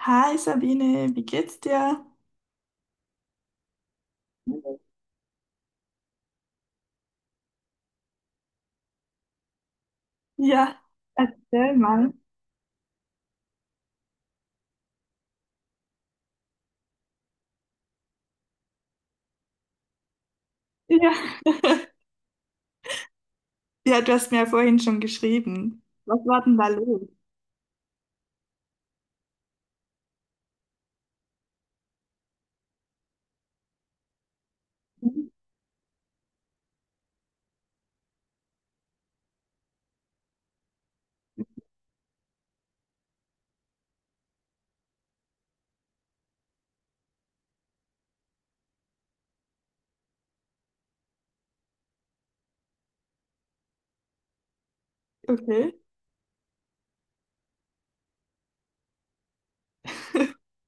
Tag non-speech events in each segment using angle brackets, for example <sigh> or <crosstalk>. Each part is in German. Hi Sabine, wie geht's dir? Ja, erzähl mal. Ja. <laughs> Ja, du hast mir ja vorhin schon geschrieben. Was war denn da los? Mhm. Okay. <laughs>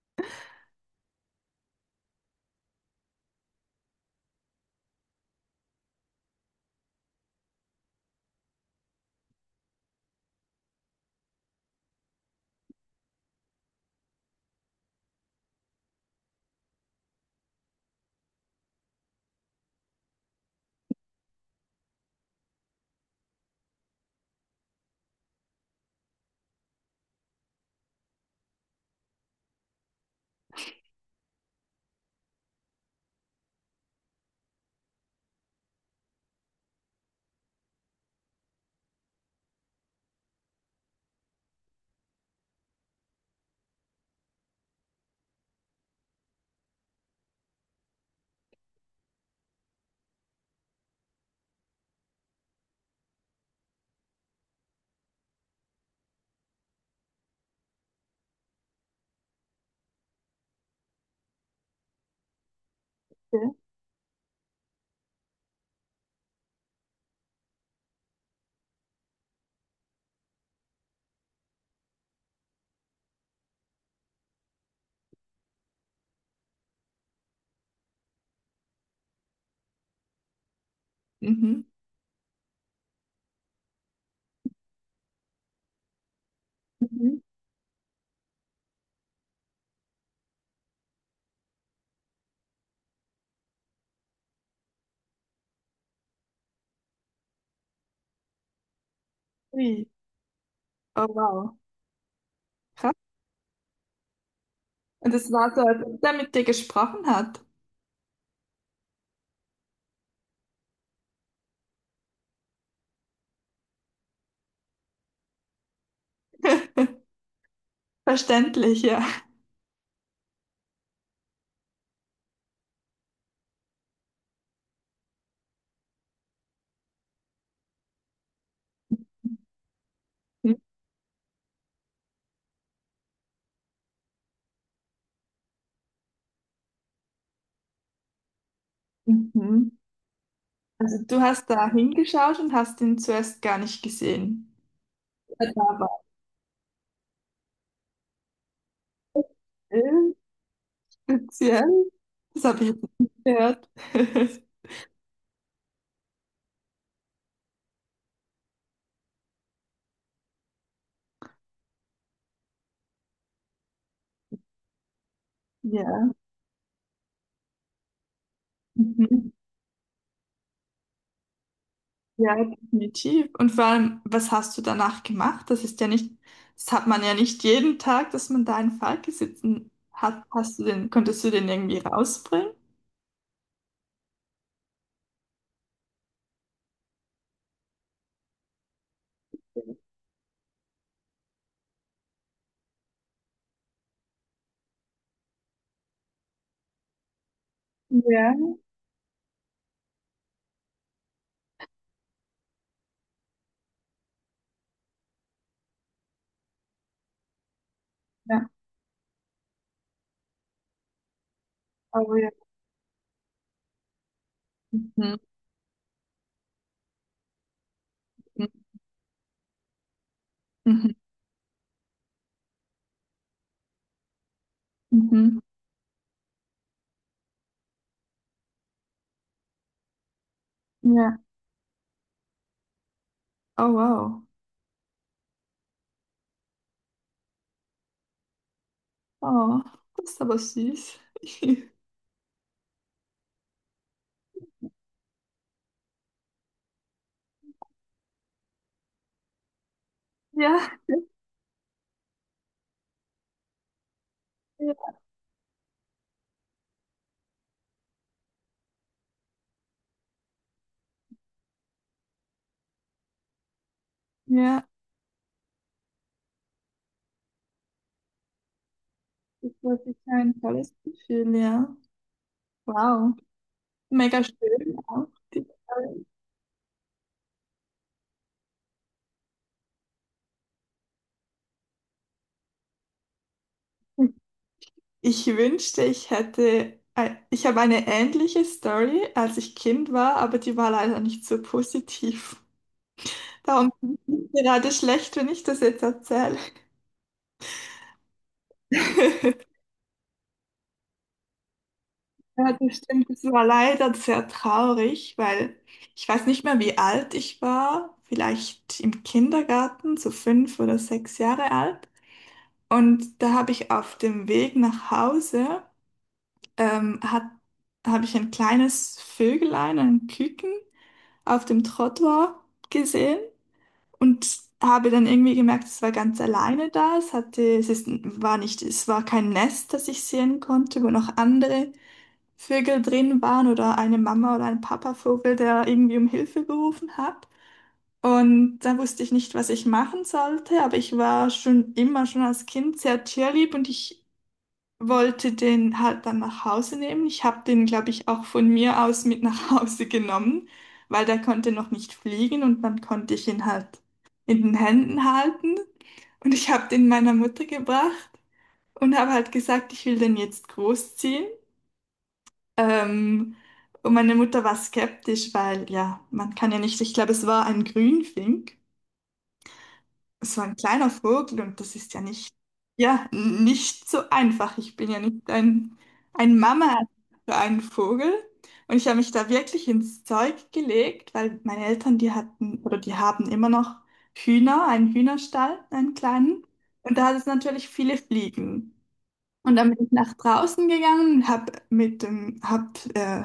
Okay. Mhm. Mhm. Ui. Oh wow. Krass. Und es war so, als ob der mit dir gesprochen hat. <laughs> Verständlich, ja. Mhm. Also du hast da hingeschaut und hast ihn zuerst gar nicht gesehen. Ja, da war er. Speziell. Das habe ich jetzt nicht gehört. <laughs> Ja. Mhm. Ja, definitiv. Und vor allem, was hast du danach gemacht? Das hat man ja nicht jeden Tag, dass man da einen Falke sitzen hat. Hast du den irgendwie rausbringen? Ja, ja, oh ja. Mhm. Mhm. Mhm. Ja, oh wow. Oh, das ist aber süß. <laughs> Ja, ja, ja, das war sicher ein tolles Gefühl, ja. Wow, mega schön auch. Die Story. Ich wünschte, ich habe eine ähnliche Story, als ich Kind war, aber die war leider nicht so positiv. Darum bin ich gerade schlecht, wenn ich das jetzt erzähle. <laughs> Ja, das stimmt. Das war leider sehr traurig, weil ich weiß nicht mehr, wie alt ich war. Vielleicht im Kindergarten, so fünf oder sechs Jahre alt. Und da habe ich auf dem Weg nach Hause ähm, hat, habe ich ein kleines Vögelein, ein Küken, auf dem Trottoir gesehen und habe dann irgendwie gemerkt, es war ganz alleine da. Es hatte, es ist, war nicht, es war kein Nest, das ich sehen konnte, wo noch andere Vögel drin waren, oder eine Mama oder ein Papavogel, der irgendwie um Hilfe gerufen hat. Und da wusste ich nicht, was ich machen sollte, aber ich war schon immer, schon als Kind sehr tierlieb, und ich wollte den halt dann nach Hause nehmen. Ich habe den, glaube ich, auch von mir aus mit nach <laughs> Hause genommen, weil der konnte noch nicht fliegen, und dann konnte ich ihn halt in den Händen halten. Und ich habe den meiner Mutter gebracht und habe halt gesagt, ich will den jetzt großziehen. Ähm, und meine Mutter war skeptisch, weil ja, man kann ja nicht, ich glaube, es war ein Grünfink. Es war ein kleiner Vogel, und das ist ja, nicht so einfach. Ich bin ja nicht ein, ein Mama für einen Vogel. Und ich habe mich da wirklich ins Zeug gelegt, weil meine Eltern, die hatten oder die haben immer noch Hühner, einen Hühnerstall, einen kleinen. Und da hat es natürlich viele Fliegen. Und dann bin ich nach draußen gegangen, habe mit dem, hab, äh,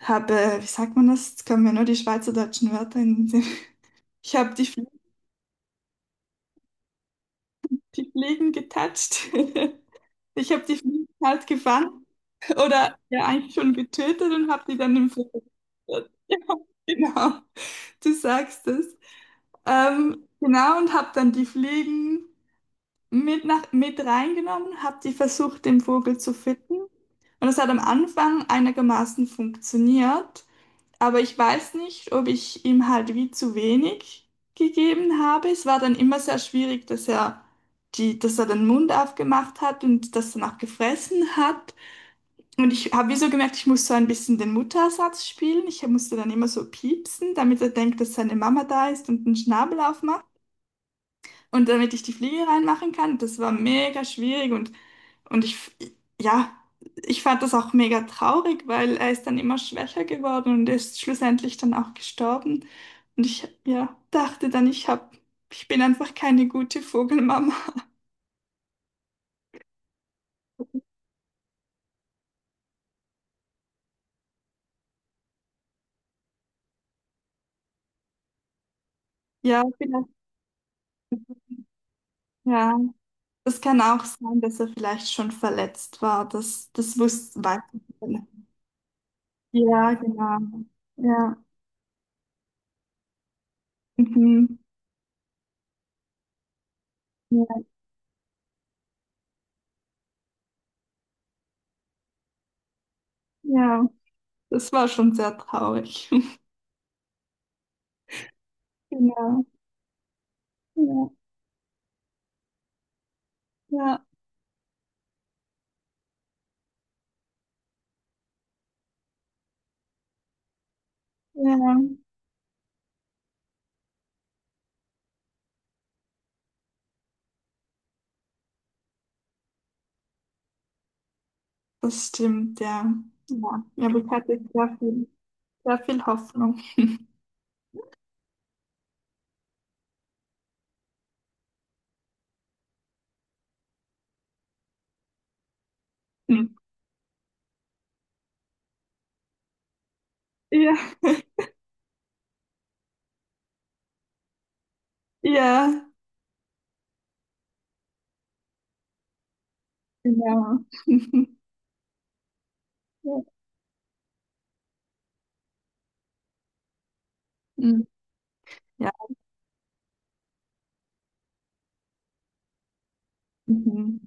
hab, äh, wie sagt man das? Jetzt kommen mir nur die schweizerdeutschen Wörter in den Sinn. Ich habe die, die Fliegen getatscht. <laughs> Ich habe die Fliegen halt gefangen oder ja eigentlich schon getötet und habe die dann im Flugzeug. <laughs> Ja, genau. Du sagst es. Genau, und habe dann die Fliegen mit reingenommen, habe die versucht, den Vogel zu fitten. Und es hat am Anfang einigermaßen funktioniert. Aber ich weiß nicht, ob ich ihm halt wie zu wenig gegeben habe. Es war dann immer sehr schwierig, dass er den Mund aufgemacht hat und das danach gefressen hat. Und ich habe wie so gemerkt, ich muss so ein bisschen den Muttersatz spielen. Ich musste dann immer so piepsen, damit er denkt, dass seine Mama da ist und den Schnabel aufmacht. Und damit ich die Fliege reinmachen kann, das war mega schwierig, und ich, f- ja, ich fand das auch mega traurig, weil er ist dann immer schwächer geworden und ist schlussendlich dann auch gestorben. Und ich, ja, dachte dann, ich bin einfach keine gute Vogelmama. <laughs> Ja, vielleicht, ja, es kann auch sein, dass er vielleicht schon verletzt war. Das wusste, weiß ich nicht. Genau. Ja, genau. Ja, mhm. Ja, ja, das war schon sehr traurig. <laughs> Genau. Ja. Ja, ja, das stimmt, ja. Ja, ja, aber ich hatte sehr viel Hoffnung. Hm. Ja, ja, genau. <laughs> Ja. Hm. Ja, mhm.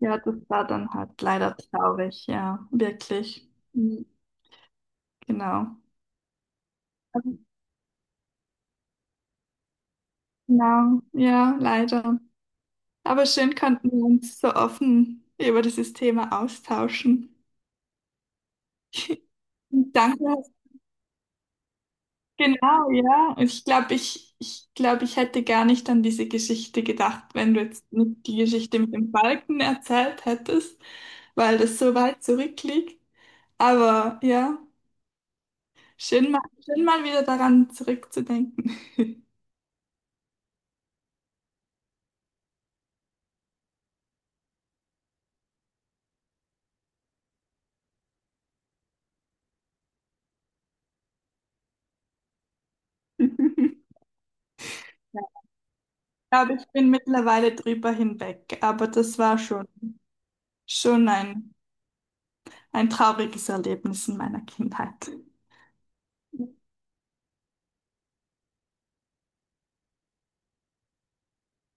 Ja, das war dann halt leider traurig, ja, wirklich. Hm. Genau. Aber genau, ja, leider. Aber schön konnten wir uns so offen über dieses Thema austauschen. <laughs> Danke. Genau, ja. Und ich glaube, ich hätte gar nicht an diese Geschichte gedacht, wenn du jetzt nicht die Geschichte mit dem Balken erzählt hättest, weil das so weit zurückliegt. Aber ja, schön mal wieder daran zurückzudenken. <laughs> Ich glaube, ich bin mittlerweile drüber hinweg, aber das war schon, schon ein trauriges Erlebnis in meiner Kindheit.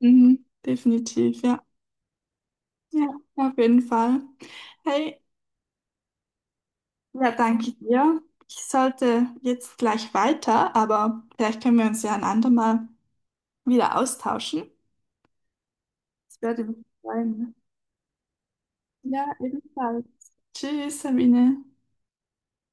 Mhm, definitiv, ja. Ja, auf jeden Fall. Hey, ja, danke dir. Ich sollte jetzt gleich weiter, aber vielleicht können wir uns ja ein andermal wieder austauschen. Ich werde mich freuen. Ja, ebenfalls. Tschüss, Sabine.